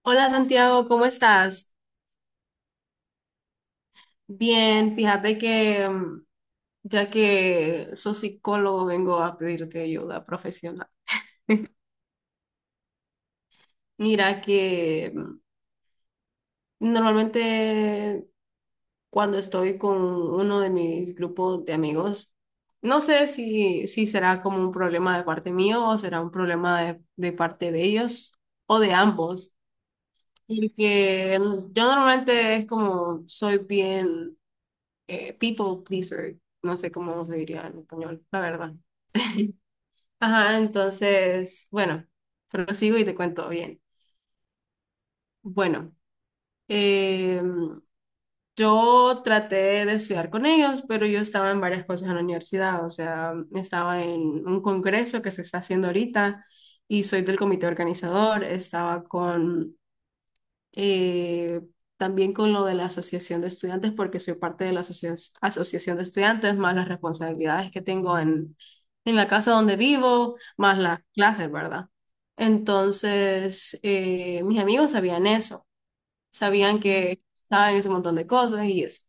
Hola Santiago, ¿cómo estás? Bien, fíjate que ya que soy psicólogo vengo a pedirte ayuda profesional. Mira que normalmente cuando estoy con uno de mis grupos de amigos, no sé si será como un problema de parte mío o será un problema de parte de ellos o de ambos, porque yo normalmente es como soy bien people pleaser, no sé cómo se diría en español, la verdad. Ajá, entonces, bueno, prosigo y te cuento bien. Bueno, eh, yo traté de estudiar con ellos, pero yo estaba en varias cosas en la universidad, o sea, estaba en un congreso que se está haciendo ahorita y soy del comité organizador, estaba con eh, también con lo de la asociación de estudiantes, porque soy parte de la asociación de estudiantes, más las responsabilidades que tengo en la casa donde vivo, más las clases, ¿verdad? Entonces, mis amigos sabían eso, sabían que saben ese montón de cosas y eso.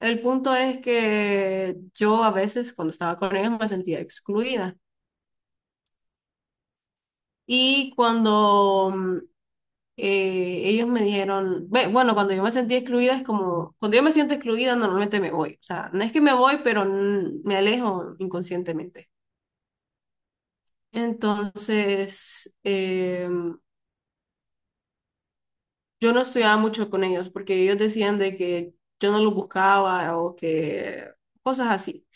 El punto es que yo a veces cuando estaba con ellos me sentía excluida. Y cuando ellos me dijeron, "Ve, bueno, cuando yo me sentí excluida es como, cuando yo me siento excluida normalmente me voy, o sea, no es que me voy, pero me alejo inconscientemente. Entonces, yo no estudiaba mucho con ellos porque ellos decían de que yo no los buscaba o que cosas así.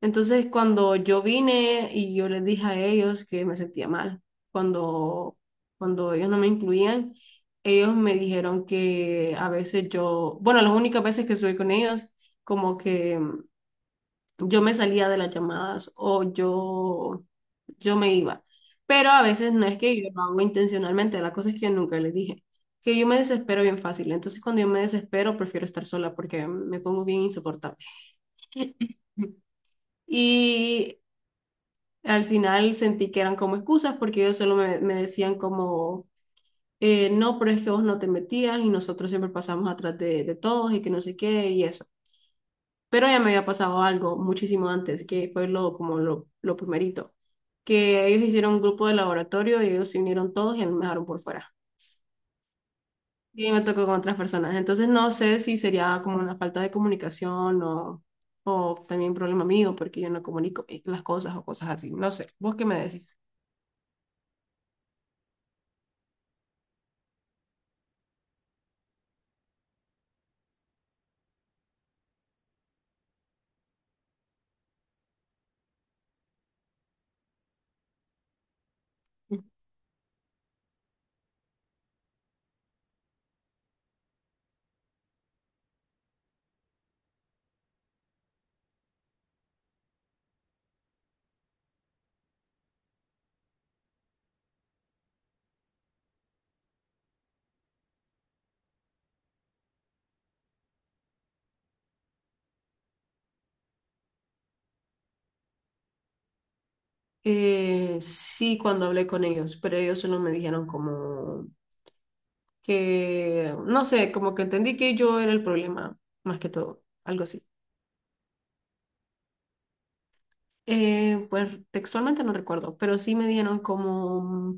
Entonces, cuando yo vine y yo les dije a ellos que me sentía mal, cuando, cuando ellos no me incluían, ellos me dijeron que a veces yo, bueno, las únicas veces que estuve con ellos, como que yo me salía de las llamadas o yo me iba. Pero a veces no es que yo lo hago intencionalmente, la cosa es que yo nunca les dije, que yo me desespero bien fácil. Entonces, cuando yo me desespero, prefiero estar sola porque me pongo bien insoportable. Y al final sentí que eran como excusas porque ellos solo me decían como, no, pero es que vos no te metías y nosotros siempre pasamos atrás de todos y que no sé qué y eso. Pero ya me había pasado algo muchísimo antes, que fue lo, como lo primerito, que ellos hicieron un grupo de laboratorio y ellos se unieron todos y a mí me dejaron por fuera. Y me tocó con otras personas. Entonces no sé si sería como una falta de comunicación o también problema mío porque yo no comunico las cosas o cosas así. No sé, vos qué me decís. Sí, cuando hablé con ellos, pero ellos solo me dijeron como que, no sé, como que entendí que yo era el problema, más que todo, algo así. Pues textualmente no recuerdo, pero sí me dijeron como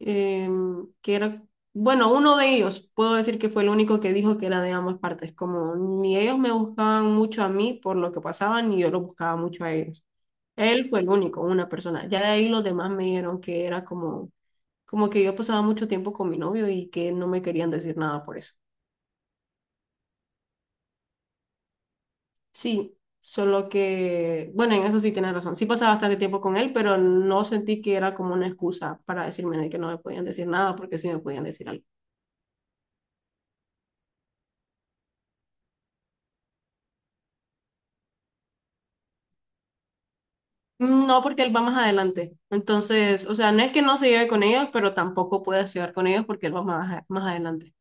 que era, bueno, uno de ellos, puedo decir que fue el único que dijo que era de ambas partes, como ni ellos me buscaban mucho a mí por lo que pasaban, ni yo lo buscaba mucho a ellos. Él fue el único, una persona. Ya de ahí los demás me dijeron que era como como que yo pasaba mucho tiempo con mi novio y que no me querían decir nada por eso. Sí, solo que, bueno, en eso sí tienes razón. Sí pasaba bastante tiempo con él, pero no sentí que era como una excusa para decirme de que no me podían decir nada porque sí me podían decir algo. No, porque él va más adelante. Entonces, o sea, no es que no se lleve con ellos, pero tampoco puedes llevar con ellos porque él va más, más adelante.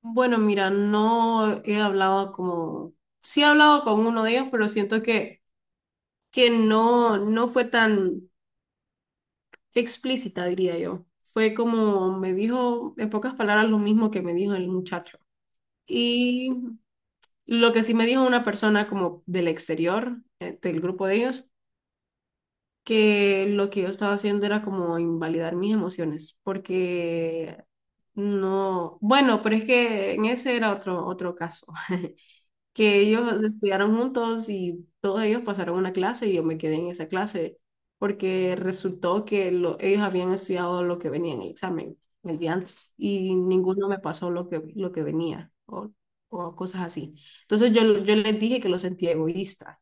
Bueno, mira, no he hablado como... Sí he hablado con uno de ellos, pero siento que no, no fue tan... explícita, diría yo. Fue como me dijo, en pocas palabras, lo mismo que me dijo el muchacho. Y lo que sí me dijo una persona como del exterior, del grupo de ellos, que lo que yo estaba haciendo era como invalidar mis emociones, porque no, bueno, pero es que en ese era otro, otro caso. Que ellos estudiaron juntos y todos ellos pasaron una clase y yo me quedé en esa clase porque resultó que ellos habían estudiado lo que venía en el examen el día antes y ninguno me pasó lo que venía o cosas así. Entonces yo les dije que lo sentía egoísta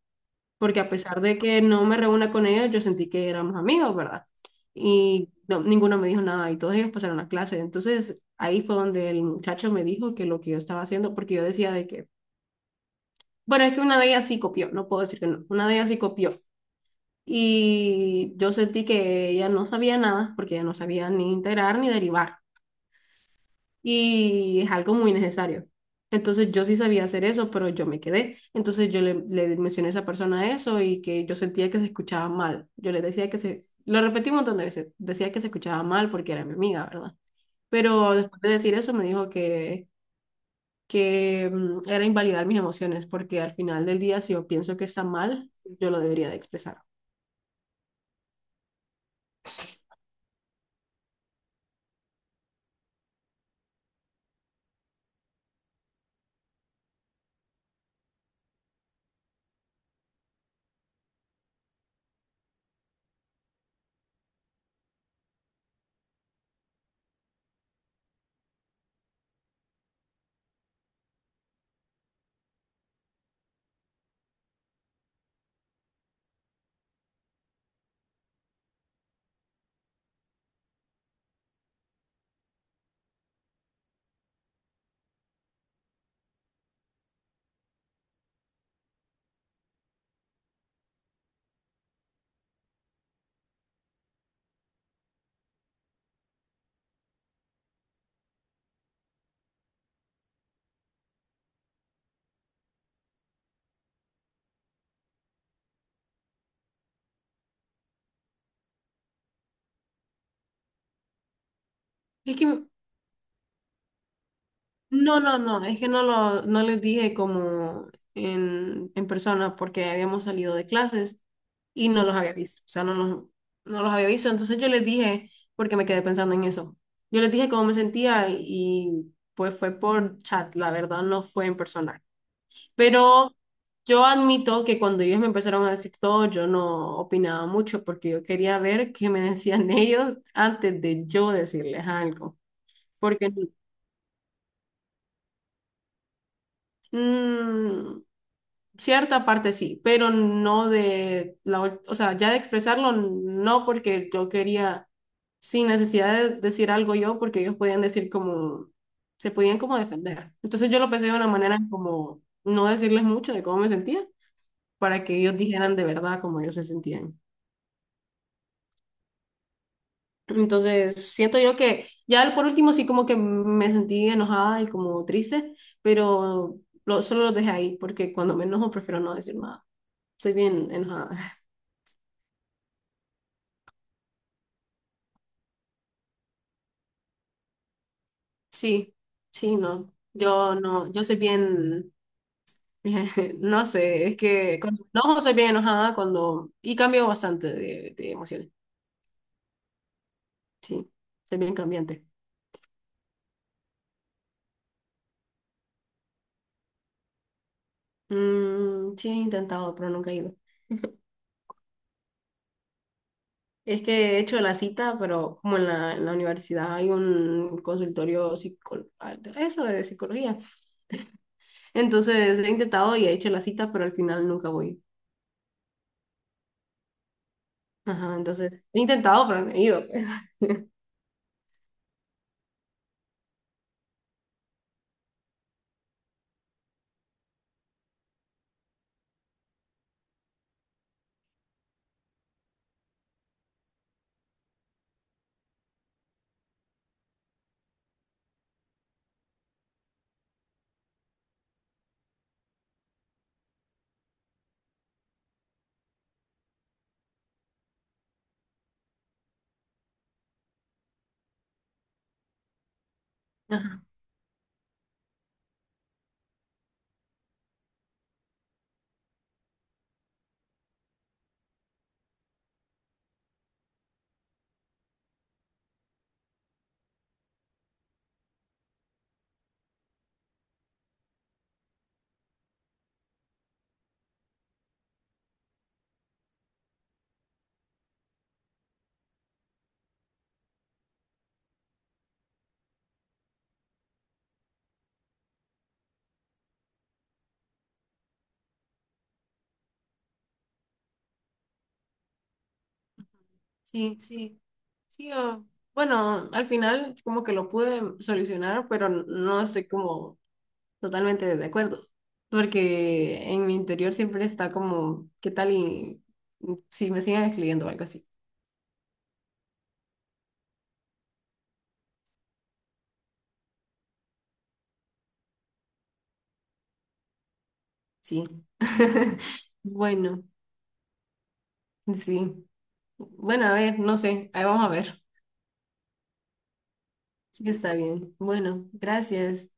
porque a pesar de que no me reúna con ellos, yo sentí que éramos amigos, ¿verdad? Y ninguno me dijo nada y todos ellos pasaron la clase. Entonces ahí fue donde el muchacho me dijo que lo que yo estaba haciendo, porque yo decía de que bueno, es que una de ellas sí copió, no puedo decir que no, una de ellas sí copió. Y yo sentí que ella no sabía nada, porque ella no sabía ni integrar ni derivar. Y es algo muy necesario. Entonces yo sí sabía hacer eso, pero yo me quedé. Entonces yo le mencioné a esa persona eso y que yo sentía que se escuchaba mal. Yo le decía que se, lo repetí un montón de veces, decía que se escuchaba mal porque era mi amiga, ¿verdad? Pero después de decir eso me dijo que era invalidar mis emociones, porque al final del día, si yo pienso que está mal, yo lo debería de expresar. Es que, no, no, no, es que no lo, no les dije como en persona, porque habíamos salido de clases y no los había visto, o sea, no los, no los había visto, entonces yo les dije, porque me quedé pensando en eso, yo les dije cómo me sentía y pues fue por chat, la verdad, no fue en persona. Pero yo admito que cuando ellos me empezaron a decir todo, yo no opinaba mucho porque yo quería ver qué me decían ellos antes de yo decirles algo. Porque mm, cierta parte sí, pero no de la, o sea, ya de expresarlo, no porque yo quería, sin necesidad de decir algo yo, porque ellos podían decir como, se podían como defender. Entonces yo lo pensé de una manera como no decirles mucho de cómo me sentía, para que ellos dijeran de verdad cómo ellos se sentían. Entonces, siento yo que ya por último sí como que me sentí enojada y como triste, pero solo lo dejé ahí porque cuando me enojo prefiero no decir nada. Soy bien enojada. Sí, sí, no. Yo no, yo soy bien, no sé, es que cuando me enojo soy bien enojada cuando, y cambio bastante de emociones. Sí, soy bien cambiante. Mm, sí, he intentado, pero nunca he ido. Es que he hecho la cita, pero como en la universidad hay un consultorio psicol ah, eso de psicología. Entonces he intentado y he hecho la cita, pero al final nunca voy. Ajá, entonces he intentado, pero no he ido, pues. Ajá. Sí, sí, sí. Bueno, al final como que lo pude solucionar, pero no estoy como totalmente de acuerdo. Porque en mi interior siempre está como, ¿qué tal y si me siguen escribiendo o algo así? Sí. Bueno. Sí. Bueno, a ver, no sé. Ahí vamos a ver. Sí, está bien. Bueno, gracias.